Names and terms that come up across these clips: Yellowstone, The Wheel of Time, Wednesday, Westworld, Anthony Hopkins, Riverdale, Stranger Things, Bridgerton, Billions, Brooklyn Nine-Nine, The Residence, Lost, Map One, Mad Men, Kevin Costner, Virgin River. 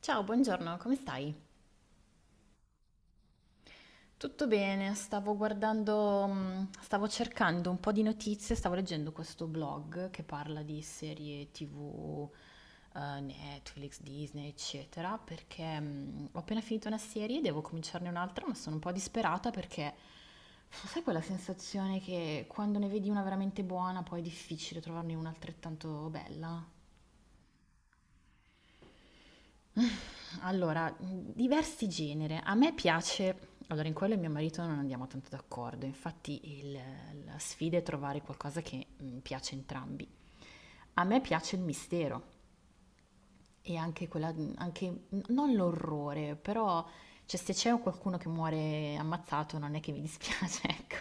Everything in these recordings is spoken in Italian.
Ciao, buongiorno, come stai? Tutto bene, stavo guardando, stavo cercando un po' di notizie, stavo leggendo questo blog che parla di serie TV, Netflix, Disney, eccetera, perché ho appena finito una serie, e devo cominciarne un'altra, ma sono un po' disperata perché sai quella sensazione che quando ne vedi una veramente buona, poi è difficile trovarne una altrettanto bella? Allora, diversi genere. A me piace allora in quello mio marito non andiamo tanto d'accordo, infatti il la sfida è trovare qualcosa che, piace a entrambi. A me piace il mistero e anche quella anche n non l'orrore, però cioè se c'è qualcuno che muore ammazzato non è che mi dispiace, ecco.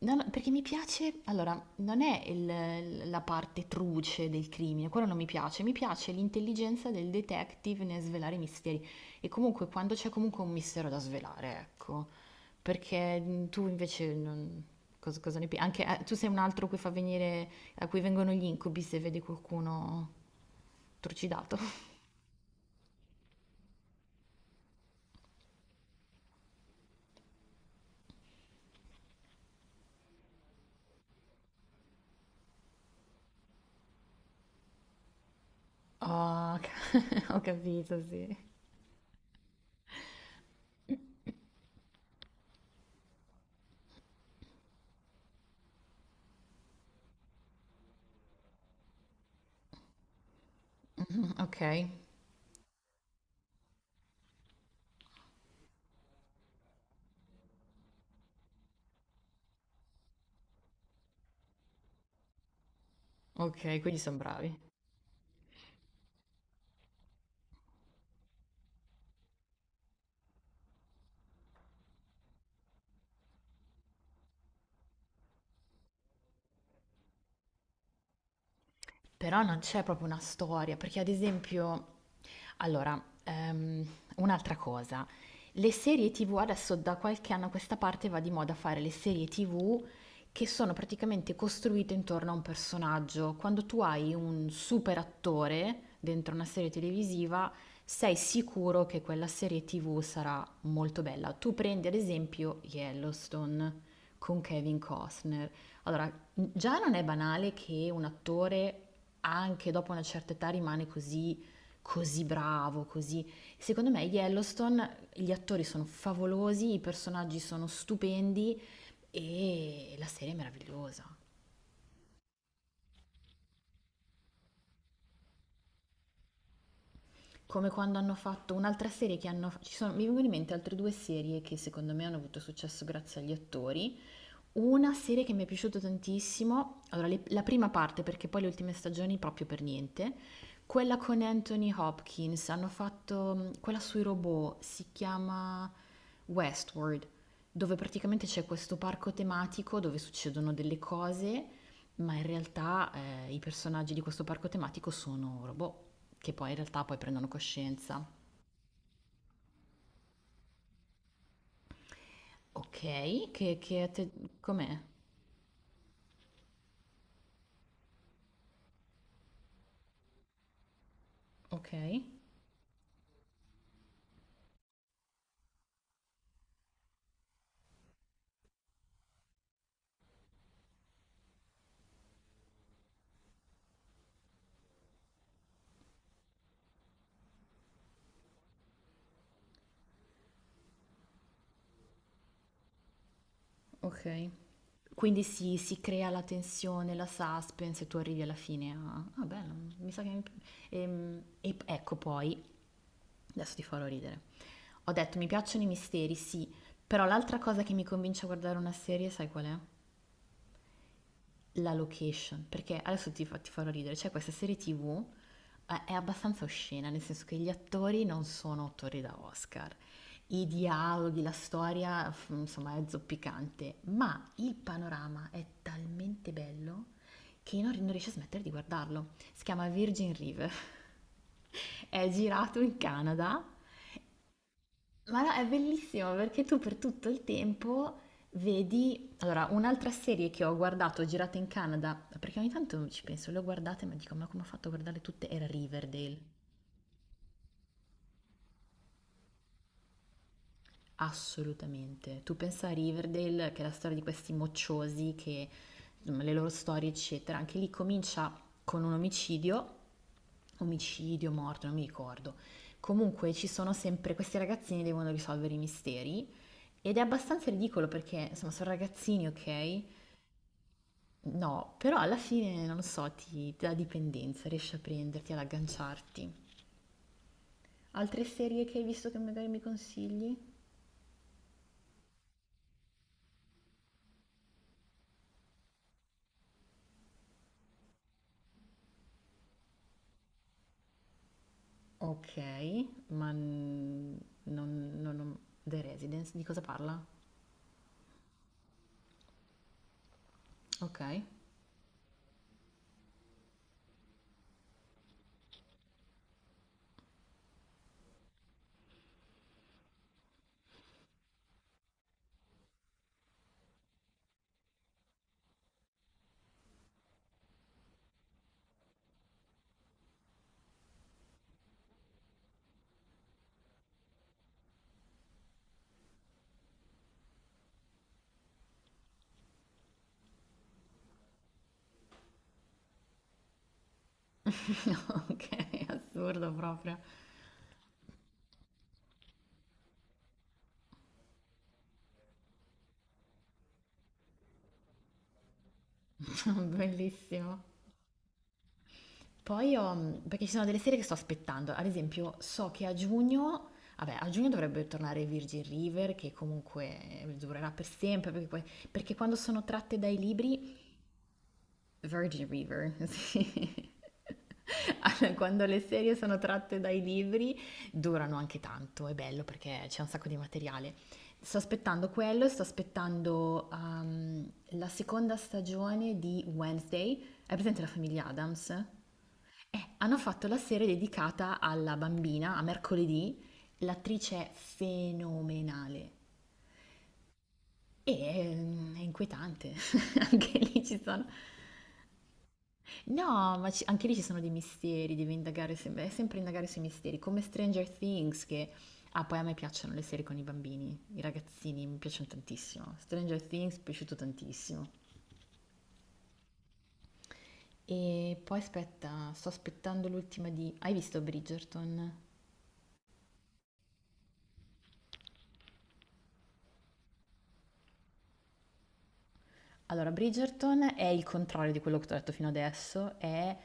No, no, perché mi piace, allora, non è la parte truce del crimine, quello non mi piace, mi piace l'intelligenza del detective nel svelare i misteri e comunque quando c'è comunque un mistero da svelare, ecco, perché tu invece non, cosa ne pensi? Anche tu sei un altro a cui fa venire, a cui vengono gli incubi se vedi qualcuno trucidato. Oh, ho capito, sì. Mhm, ok, ok, quindi sono bravi. Però non c'è proprio una storia, perché ad esempio, allora, un'altra cosa, le serie TV adesso da qualche anno a questa parte va di moda fare le serie TV che sono praticamente costruite intorno a un personaggio. Quando tu hai un super attore dentro una serie televisiva, sei sicuro che quella serie TV sarà molto bella. Tu prendi ad esempio Yellowstone con Kevin Costner. Allora, già non è banale che un attore anche dopo una certa età rimane così, così bravo, così... Secondo me Yellowstone, gli attori sono favolosi, i personaggi sono stupendi e la serie è meravigliosa. Come quando hanno fatto un'altra serie che hanno... Ci sono, mi vengono in mente altre due serie che secondo me hanno avuto successo grazie agli attori. Una serie che mi è piaciuta tantissimo, allora la prima parte perché poi le ultime stagioni proprio per niente, quella con Anthony Hopkins, hanno fatto quella sui robot, si chiama Westworld, dove praticamente c'è questo parco tematico dove succedono delle cose, ma in realtà i personaggi di questo parco tematico sono robot, che poi in realtà poi prendono coscienza. Ok, che a te- com'è? Ok. Ok. Quindi si crea la tensione, la suspense e tu arrivi alla fine a... Ah, bello, mi sa che... mi- e ecco poi, adesso ti farò ridere. Ho detto mi piacciono i misteri, sì, però l'altra cosa che mi convince a guardare una serie, sai qual è? La location, perché adesso ti farò ridere, c'è questa serie TV, è abbastanza oscena, nel senso che gli attori non sono attori da Oscar, i dialoghi, la storia, insomma, è zoppicante, ma il panorama è talmente bello che io non riesco a smettere di guardarlo. Si chiama Virgin River, è girato in Canada ma no, è bellissimo perché tu per tutto il tempo vedi... Allora, un'altra serie che ho guardato, girata in Canada, perché ogni tanto ci penso, le ho guardate, ma dico, ma come ho fatto a guardare tutte? Era Riverdale, assolutamente. Tu pensa a Riverdale, che è la storia di questi mocciosi, che, insomma, le loro storie, eccetera. Anche lì comincia con un omicidio, omicidio, morto, non mi ricordo. Comunque ci sono sempre questi ragazzini che devono risolvere i misteri. Ed è abbastanza ridicolo perché, insomma, sono ragazzini, ok? No, però alla fine, non lo so, ti dà dipendenza, riesci a prenderti, ad agganciarti. Altre serie che hai visto che magari mi consigli? Ok, ma non, non, non- The Residence, di cosa parla? Ok, ok, assurdo proprio, bellissimo. Poi ho, perché ci sono delle serie che sto aspettando, ad esempio so che a giugno, vabbè a giugno dovrebbe tornare Virgin River che comunque durerà per sempre, perché, perché quando sono tratte dai libri, Virgin River, sì. Allora, quando le serie sono tratte dai libri durano anche tanto, è bello perché c'è un sacco di materiale. Sto aspettando quello, sto aspettando la seconda stagione di Wednesday. Hai presente la famiglia Adams? Hanno fatto la serie dedicata alla bambina, a mercoledì, l'attrice è fenomenale. E è inquietante, anche lì ci sono... No, ma anche lì ci sono dei misteri, devi indagare, è sempre indagare sui misteri, come Stranger Things che... Ah, poi a me piacciono le serie con i bambini, i ragazzini, mi piacciono tantissimo. Stranger Things mi è piaciuto tantissimo. E poi aspetta, sto aspettando l'ultima di... Hai visto Bridgerton? Allora, Bridgerton è il contrario di quello che ti ho detto fino adesso, è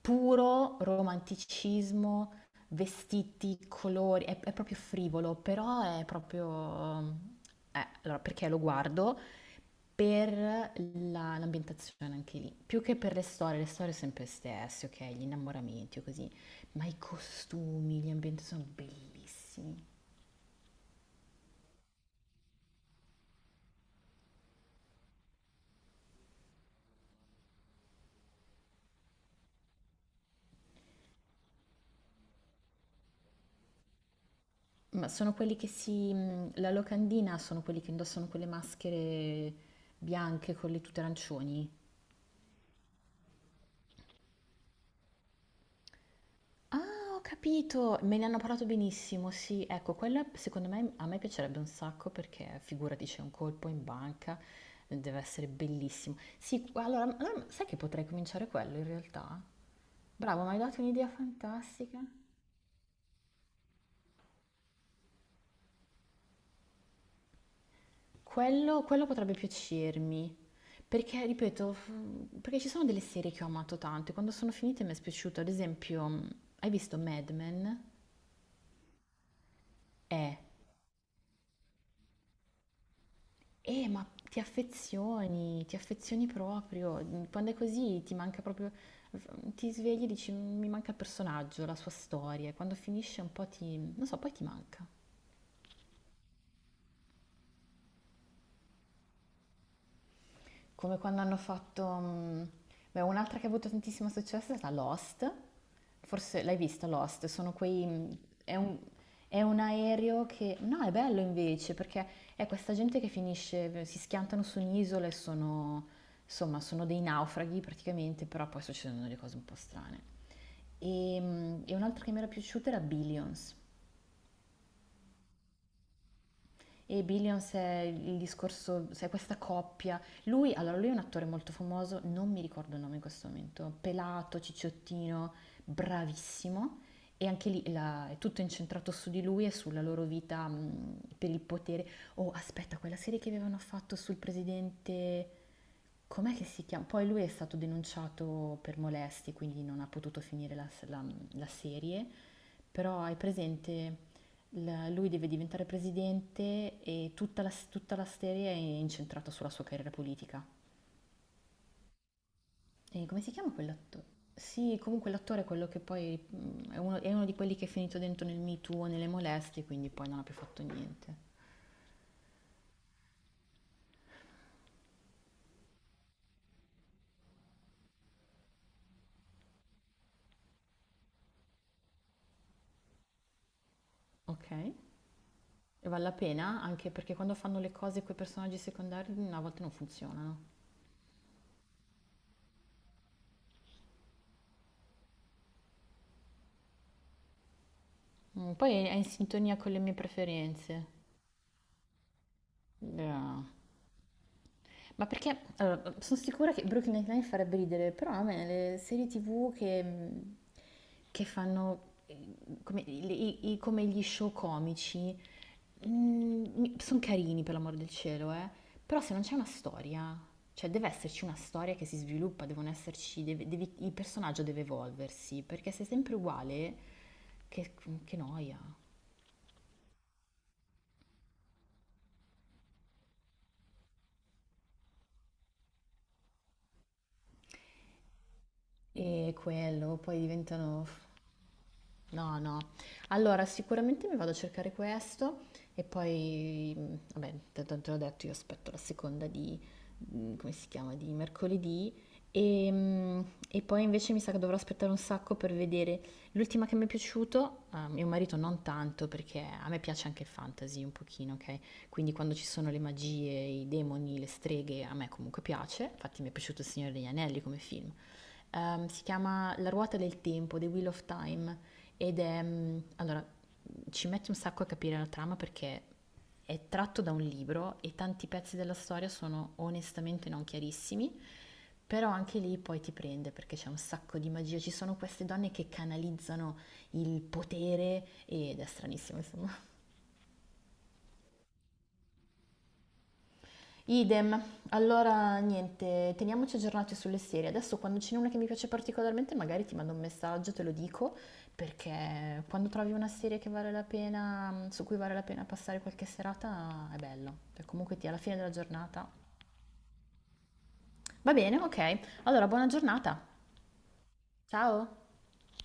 puro romanticismo, vestiti, colori, è proprio frivolo, però è proprio... Allora, perché lo guardo? Per l'ambientazione anche lì, più che per le storie sempre stesse, ok? Gli innamoramenti o così, ma i costumi, gli ambienti sono bellissimi. Ma sono quelli che si... La locandina sono quelli che indossano quelle maschere bianche con le tute arancioni. Ah, ho capito! Me ne hanno parlato benissimo, sì. Ecco, quella secondo me a me piacerebbe un sacco perché figurati c'è un colpo in banca, deve essere bellissimo. Sì, allora, sai che potrei cominciare quello in realtà? Bravo, mi hai dato un'idea fantastica. Quello potrebbe piacermi, perché, ripeto, perché ci sono delle serie che ho amato tanto e quando sono finite mi è spiaciuto. Ad esempio, hai visto Mad Men? Eh, ma ti affezioni proprio. Quando è così ti manca proprio, ti svegli e dici "Mi manca il personaggio, la sua storia. E quando finisce un po' ti, non so, poi ti manca. Come quando hanno fatto... beh, un'altra che ha avuto tantissimo successo è stata Lost, forse l'hai vista Lost, sono quei... mm, È un, è un, aereo che... No, è bello invece, perché è questa gente che finisce, si schiantano su un'isola e sono... Insomma, sono dei naufraghi praticamente, però poi succedono delle cose un po' strane. E un'altra che mi era piaciuta era Billions. E Billions è il discorso, sai, questa coppia. Lui, allora, lui è un attore molto famoso, non mi ricordo il nome in questo momento, pelato, cicciottino, bravissimo. E anche lì è tutto incentrato su di lui e sulla loro vita per il potere. Oh, aspetta, quella serie che avevano fatto sul presidente, com'è che si chiama? Poi lui è stato denunciato per molestie, quindi non ha potuto finire la serie, però hai presente, lui deve diventare presidente e tutta la serie è incentrata sulla sua carriera politica. E come si chiama quell'attore? Sì, comunque l'attore è quello che poi è uno di quelli che è finito dentro nel Me Too, o nelle molestie, quindi poi non ha più fatto niente. Ok? E vale la pena anche perché quando fanno le cose con i personaggi secondari a volte non funzionano. Poi è in sintonia con le mie preferenze. Yeah. Ma perché allora, sono sicura che Brooklyn Nine-Nine farebbe ridere, però a me le serie TV che fanno come, come gli show comici. Sono carini per l'amor del cielo, eh. Però se non c'è una storia, cioè deve esserci una storia che si sviluppa, devono esserci, il personaggio deve evolversi, perché se è sempre uguale, che, che noia. E quello, poi diventano. No, no. Allora, sicuramente mi vado a cercare questo e poi, vabbè, te l'ho detto, io aspetto la seconda di, come si chiama, di mercoledì e poi invece mi sa che dovrò aspettare un sacco per vedere l'ultima che mi è piaciuto, a mio marito non tanto perché a me piace anche il fantasy un pochino, ok? Quindi quando ci sono le magie, i demoni, le streghe, a me comunque piace, infatti mi è piaciuto Il Signore degli Anelli come film. Si chiama La ruota del tempo, The Wheel of Time, ed è... Allora, ci mette un sacco a capire la trama perché è tratto da un libro e tanti pezzi della storia sono onestamente non chiarissimi, però anche lì poi ti prende perché c'è un sacco di magia. Ci sono queste donne che canalizzano il potere ed è stranissimo, insomma. Idem, allora niente, teniamoci aggiornati sulle serie. Adesso quando ce n'è una che mi piace particolarmente, magari ti mando un messaggio, te lo dico, perché quando trovi una serie che vale la pena, su cui vale la pena passare qualche serata, è bello. Cioè, comunque ti alla fine della giornata. Va bene, ok. Allora, buona giornata. Ciao.